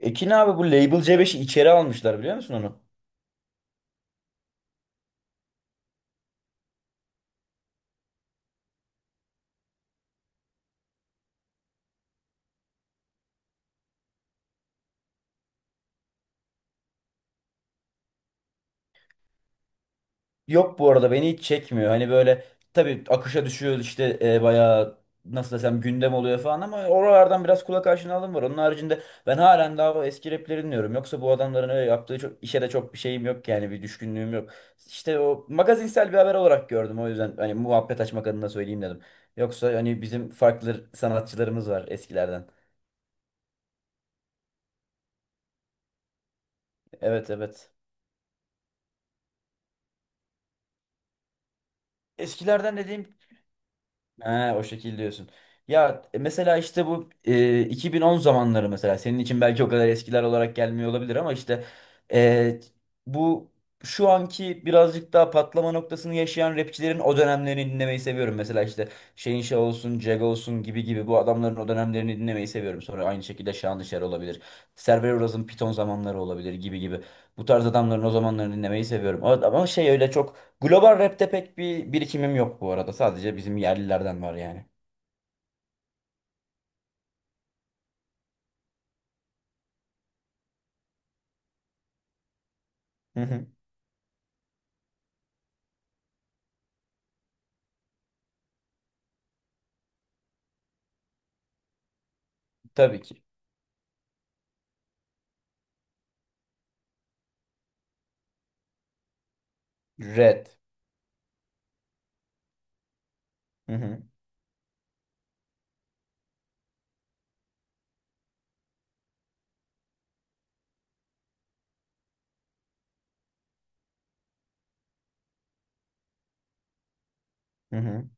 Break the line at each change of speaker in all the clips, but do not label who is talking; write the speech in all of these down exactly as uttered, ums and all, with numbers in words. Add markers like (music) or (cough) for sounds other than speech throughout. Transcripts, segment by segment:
Ekin abi bu Label C beşi içeri almışlar biliyor musun onu? Yok, bu arada beni hiç çekmiyor. Hani böyle tabii akışa düşüyor işte, e, bayağı nasıl desem gündem oluyor falan ama oralardan biraz kulak aşinalığım var. Onun haricinde ben halen daha o eski rapleri dinliyorum. Yoksa bu adamların öyle yaptığı çok, işe de çok bir şeyim yok yani, bir düşkünlüğüm yok. İşte o magazinsel bir haber olarak gördüm, o yüzden hani muhabbet açmak adına söyleyeyim dedim. Yoksa hani bizim farklı sanatçılarımız var eskilerden. Evet, evet. Eskilerden dediğim... Ha, o şekil diyorsun. Ya, e, mesela işte bu e, iki bin on zamanları mesela senin için belki o kadar eskiler olarak gelmiyor olabilir, ama işte e, bu şu anki birazcık daha patlama noktasını yaşayan rapçilerin o dönemlerini dinlemeyi seviyorum. Mesela işte Şehinşah olsun, Cega olsun, gibi gibi bu adamların o dönemlerini dinlemeyi seviyorum. Sonra aynı şekilde Şahandışar olabilir. Server Uraz'ın Piton zamanları olabilir, gibi gibi. Bu tarz adamların o zamanlarını dinlemeyi seviyorum. Ama ama şey öyle çok... Global rap'te pek bir birikimim yok bu arada. Sadece bizim yerlilerden var yani. Hı hı. Tabii ki. Red. Hı hı. Hı hı.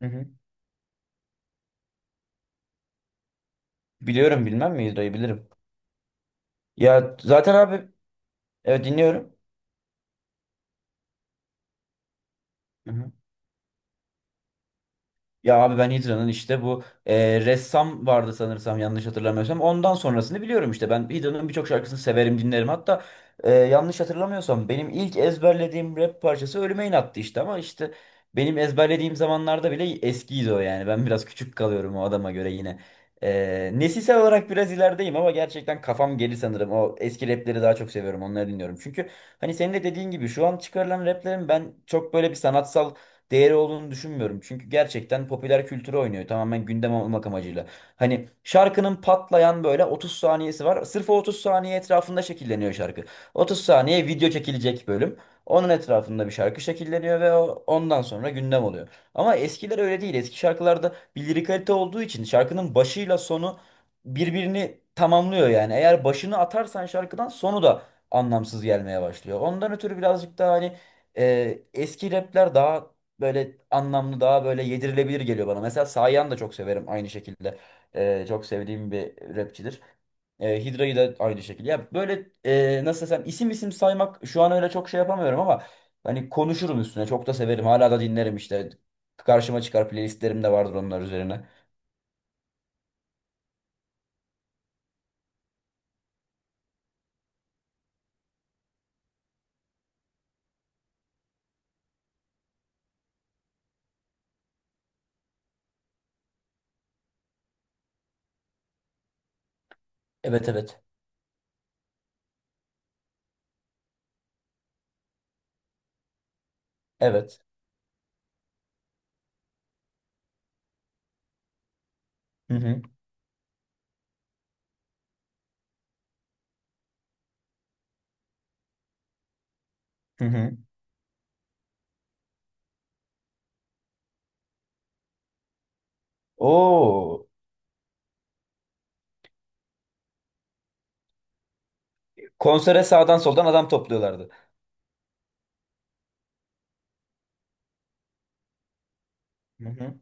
Hı hı. Biliyorum, bilmem mi? Yüzde bilirim. Ya zaten abi, evet, dinliyorum. Ya abi, ben Hidra'nın işte bu e, ressam vardı sanırsam, yanlış hatırlamıyorsam. Ondan sonrasını biliyorum işte. Ben Hidra'nın birçok şarkısını severim, dinlerim. Hatta e, yanlış hatırlamıyorsam benim ilk ezberlediğim rap parçası Ölüme İnattı işte. Ama işte benim ezberlediğim zamanlarda bile eskiydi o yani. Ben biraz küçük kalıyorum o adama göre yine. E, nesilsel olarak biraz ilerideyim ama gerçekten kafam geri sanırım. O eski rapleri daha çok seviyorum, onları dinliyorum. Çünkü hani senin de dediğin gibi şu an çıkarılan raplerin ben çok böyle bir sanatsal değeri olduğunu düşünmüyorum. Çünkü gerçekten popüler kültürü oynuyor. Tamamen gündem olmak amacıyla. Hani şarkının patlayan böyle otuz saniyesi var. Sırf o otuz saniye etrafında şekilleniyor şarkı. otuz saniye video çekilecek bölüm. Onun etrafında bir şarkı şekilleniyor ve o- ondan sonra gündem oluyor. Ama eskiler öyle değil. Eski şarkılarda bir lirikalite olduğu için şarkının başıyla sonu birbirini tamamlıyor yani. Eğer başını atarsan şarkıdan, sonu da anlamsız gelmeye başlıyor. Ondan ötürü birazcık daha hani e, eski rapler daha böyle anlamlı, daha böyle yedirilebilir geliyor bana. Mesela Sayan da çok severim aynı şekilde. Ee, çok sevdiğim bir rapçidir. E, Hidra'yı da aynı şekilde. Ya böyle e, nasıl desem, isim isim saymak şu an öyle çok şey yapamıyorum ama hani konuşurum üstüne. Çok da severim. Hala da dinlerim işte. Karşıma çıkar, playlistlerim de vardır onlar üzerine. Evet, evet. Evet. Hı hı. Hı hı. Oo. Konsere sağdan soldan adam topluyorlardı. Hı hı.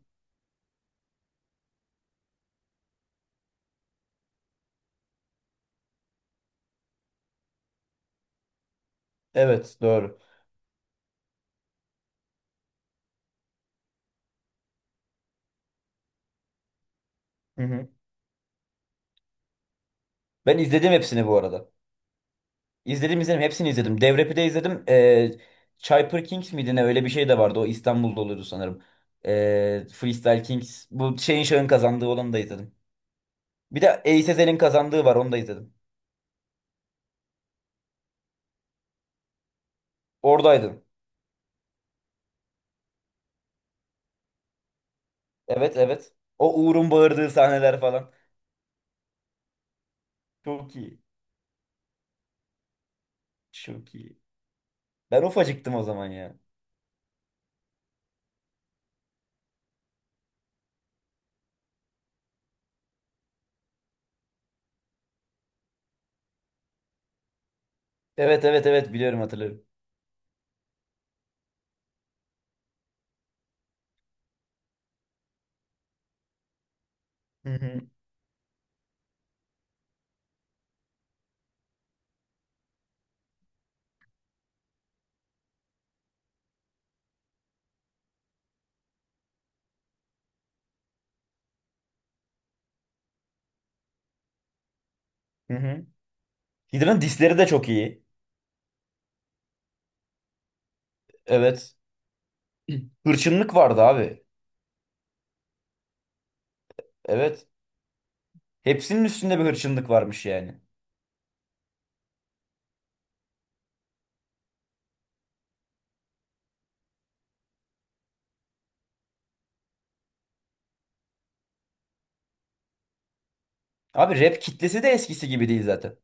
Evet, doğru. Hı hı. Ben izledim hepsini bu arada. İzledim, izledim, hepsini izledim. Devrepi de izledim. Ee, Cyper Kings miydi ne, öyle bir şey de vardı. O İstanbul'da oluyordu sanırım. Ee, Freestyle Kings. Bu şeyin, şahın kazandığı olanı da izledim. Bir de Ace Ezel'in kazandığı var, onu da izledim. Oradaydım. Evet, evet. O Uğur'un bağırdığı sahneler falan. Çok iyi. Çok iyi. Ben ufacıktım o zaman ya. Evet, evet, evet, biliyorum, hatırlıyorum. Hı hı. Hı hı. Hydra'nın disleri de çok iyi. Evet. (clears throat) Hırçınlık vardı abi. Evet. Hepsinin üstünde bir hırçınlık varmış yani. Abi rap kitlesi de eskisi gibi değil zaten.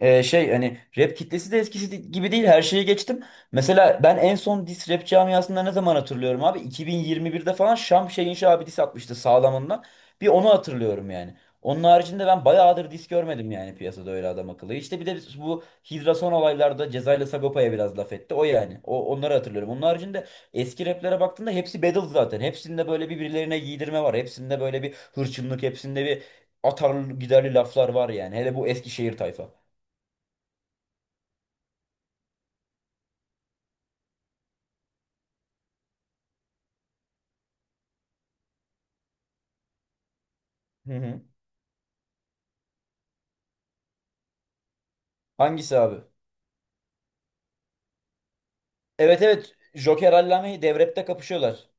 Ee, şey hani rap kitlesi de eskisi de- gibi değil, her şeye geçtim. Mesela ben en son diss rap camiasında ne zaman hatırlıyorum abi? iki bin yirmi birde falan Şam Şeyinşi abi diss atmıştı sağlamında. Bir onu hatırlıyorum yani. Onun haricinde ben bayağıdır diss görmedim yani piyasada öyle adam akıllı. İşte bir de biz bu Hidra son olaylarda Ceza ile Sagopa'ya biraz laf etti. O yani. O, onları hatırlıyorum. Onun haricinde eski raplere baktığında hepsi battle zaten. Hepsinde böyle birbirlerine giydirme var. Hepsinde böyle bir hırçınlık, hepsinde bir atarlı giderli laflar var yani. Hele bu Eskişehir tayfa. Hı hı. Hangisi abi? Evet, evet, Joker Allame'yi devrepte kapışıyorlar.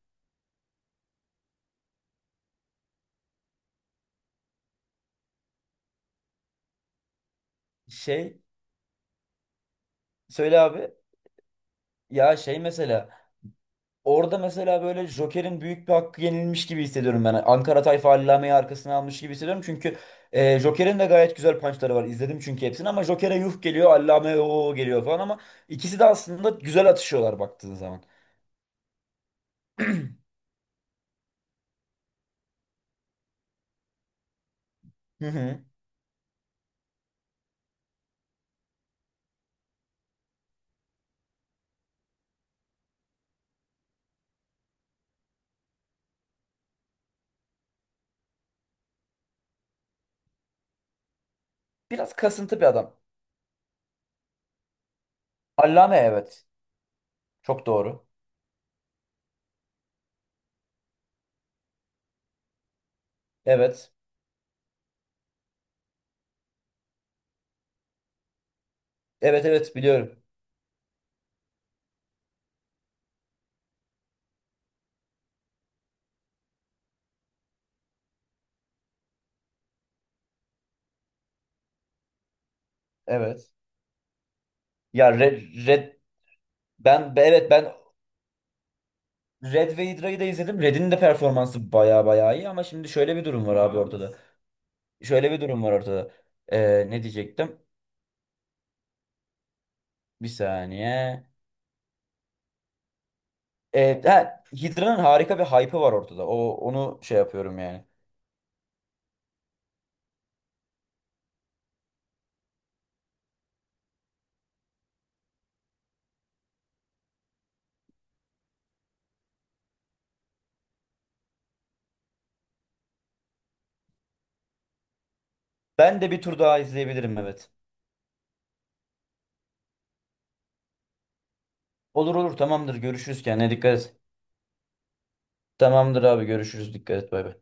Şey, söyle abi. Ya şey mesela, orada mesela böyle Joker'in büyük bir hakkı yenilmiş gibi hissediyorum ben. Ankara tayfa Allame'yi arkasına almış gibi hissediyorum. Çünkü e, Joker'in de gayet güzel punchları var. İzledim çünkü hepsini, ama Joker'e yuh geliyor, Allame o geliyor falan, ama ikisi de aslında güzel atışıyorlar baktığın zaman. Hı hı. Biraz kasıntı bir adam. Allame, evet. Çok doğru. Evet. Evet, evet, biliyorum. Evet. Ya Red, Ben be- evet, ben Red ve Hydra'yı da izledim. Red'in de performansı baya baya iyi, ama şimdi şöyle bir durum var abi ortada. Şöyle bir durum var ortada. Ee, ne diyecektim? Bir saniye. Ee, ha, Hydra'nın harika bir hype'ı var ortada. O onu şey yapıyorum yani. Ben de bir tur daha izleyebilirim, evet. Olur, olur, tamamdır, görüşürüz, kendine dikkat et. Tamamdır abi, görüşürüz, dikkat et, bay bay.